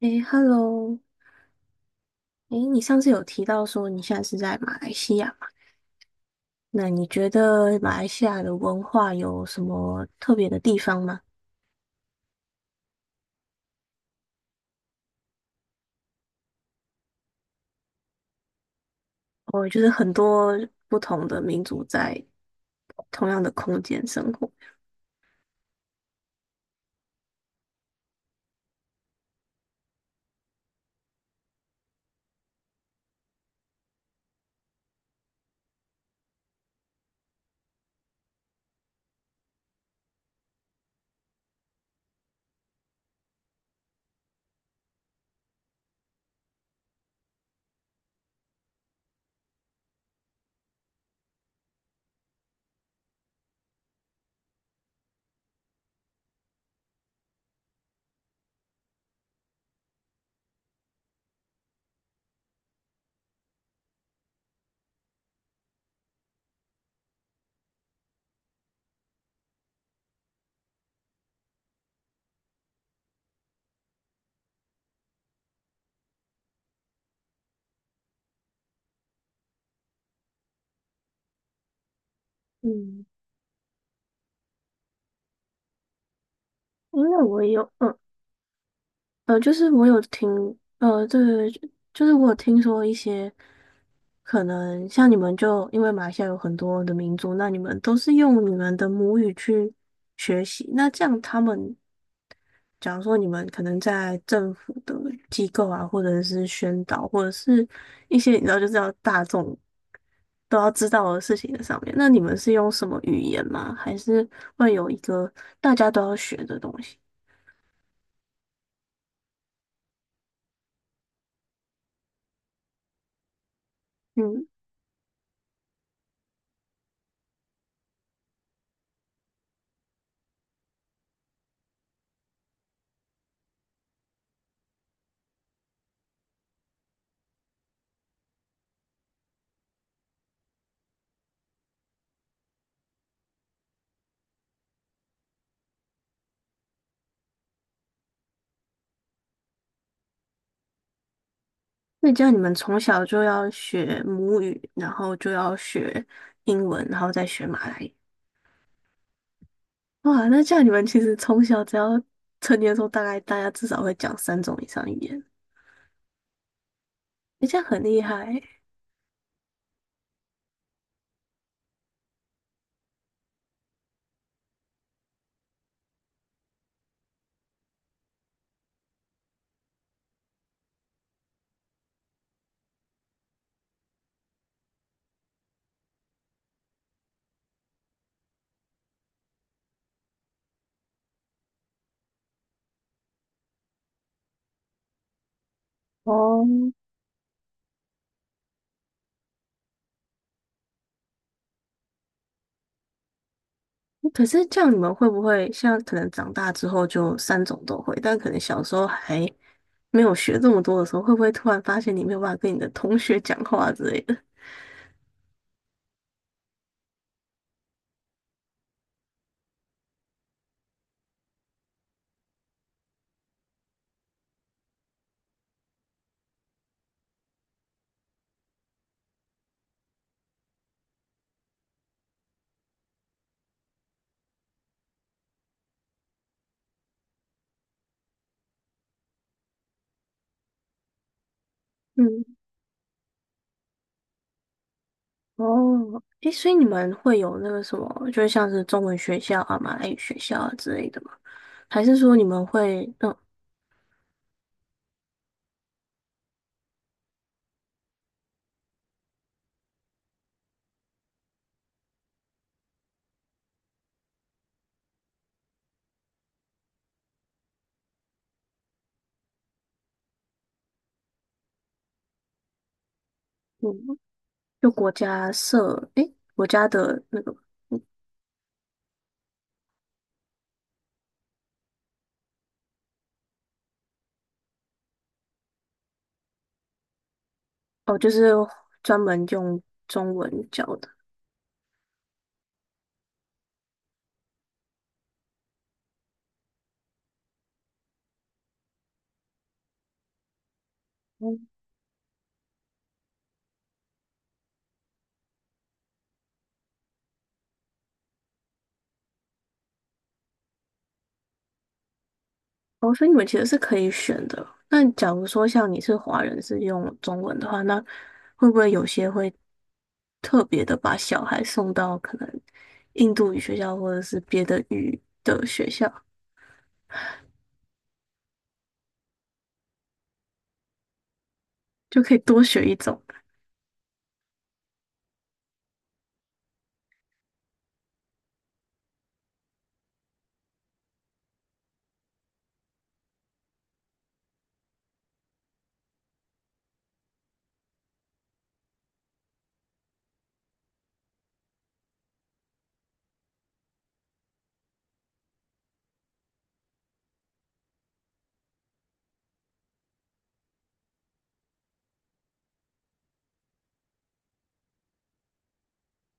诶，Hello，诶，你上次有提到说你现在是在马来西亚嘛？那你觉得马来西亚的文化有什么特别的地方吗？哦，就是很多不同的民族在同样的空间生活。嗯，因为我有，嗯，呃，就是我有听，呃，对，就是我有听说一些，可能像你们就因为马来西亚有很多的民族，那你们都是用你们的母语去学习，那这样他们假如说你们可能在政府的机构啊，或者是宣导，或者是一些你知道就是要大众都要知道的事情的上面，那你们是用什么语言吗？还是会有一个大家都要学的东西？嗯，那这样你们从小就要学母语，然后就要学英文，然后再学马来语。哇，那这样你们其实从小只要成年的时候，大概大家至少会讲三种以上语言，诶这样很厉害欸哦，可是这样你们会不会像可能长大之后就三种都会，但可能小时候还没有学这么多的时候，会不会突然发现你没有办法跟你的同学讲话之类的？嗯，哦，诶，所以你们会有那个什么，就是像是中文学校啊、马来语学校啊之类的吗？还是说你们会，嗯嗯，就国家设，诶，国家的那个，嗯哦，就是专门用中文教的？哦，所以你们其实是可以选的。那假如说像你是华人是用中文的话，那会不会有些会特别的把小孩送到可能印度语学校或者是别的语的学校，就可以多学一种？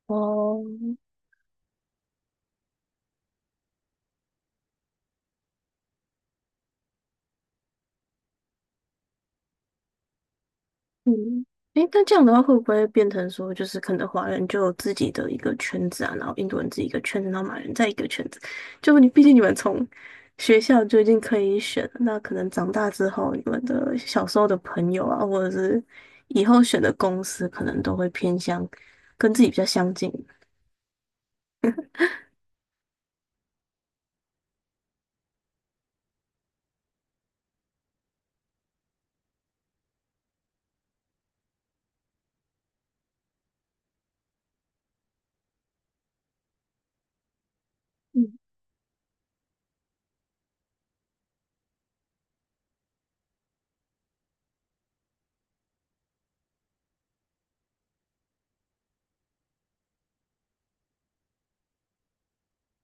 哦，嗯，诶，那这样的话会不会变成说，就是可能华人就有自己的一个圈子啊，然后印度人自己一个圈子，然后马来人在一个圈子，就你毕竟你们从学校就已经可以选了那可能长大之后，你们的小时候的朋友啊，或者是以后选的公司，可能都会偏向跟自己比较相近。嗯，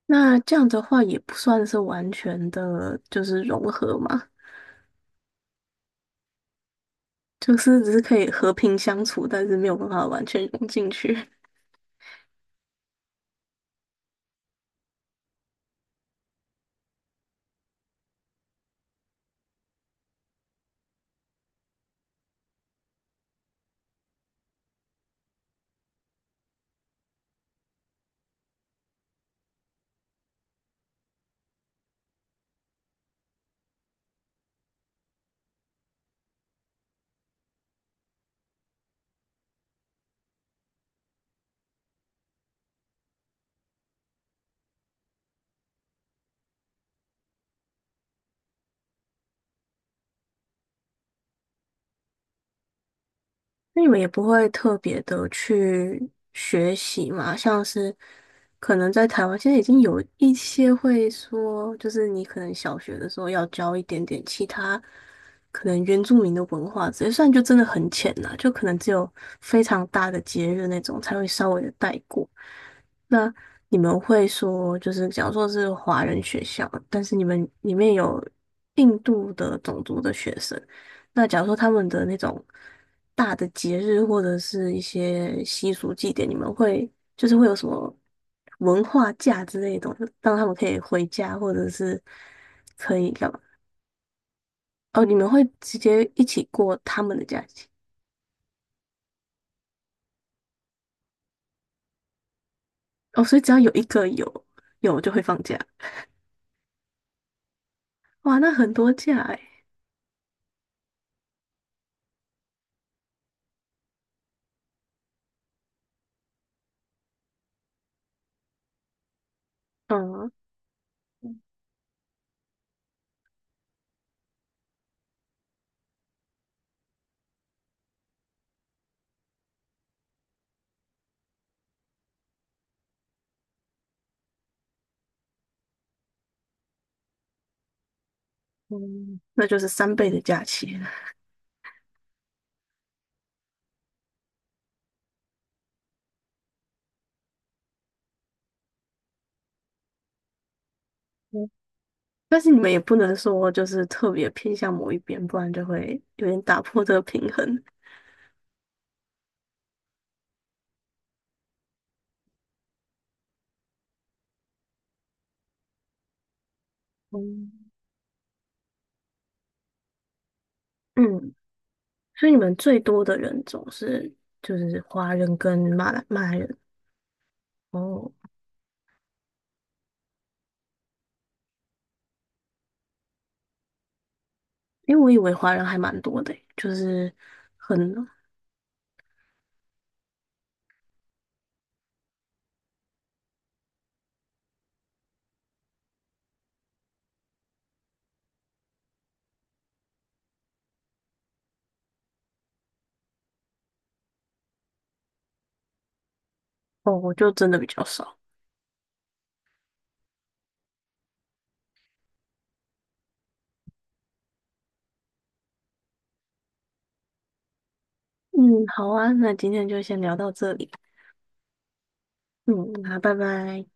那这样的话也不算是完全的，就是融合嘛，就是只是可以和平相处，但是没有办法完全融进去。那你们也不会特别的去学习嘛？像是可能在台湾现在已经有一些会说，就是你可能小学的时候要教一点点其他可能原住民的文化之类，虽然就真的很浅啦，就可能只有非常大的节日那种才会稍微的带过。那你们会说，就是假如说是华人学校，但是你们里面有印度的种族的学生。那假如说他们的那种大的节日或者是一些习俗祭典，你们会就是会有什么文化假之类的东西，让他们可以回家，或者是可以干嘛？哦，你们会直接一起过他们的假期哦，所以只要有一个有有就会放假，哇，那很多假哎，嗯，嗯那就是三倍的假期了。嗯但是你们也不能说就是特别偏向某一边，不然就会有点打破这个平衡。嗯，嗯，所以你们最多的人种是就是华人跟马来人哦，因为我以为华人还蛮多的欸就是很哦，我就真的比较少。嗯，好啊，那今天就先聊到这里。嗯，那拜拜。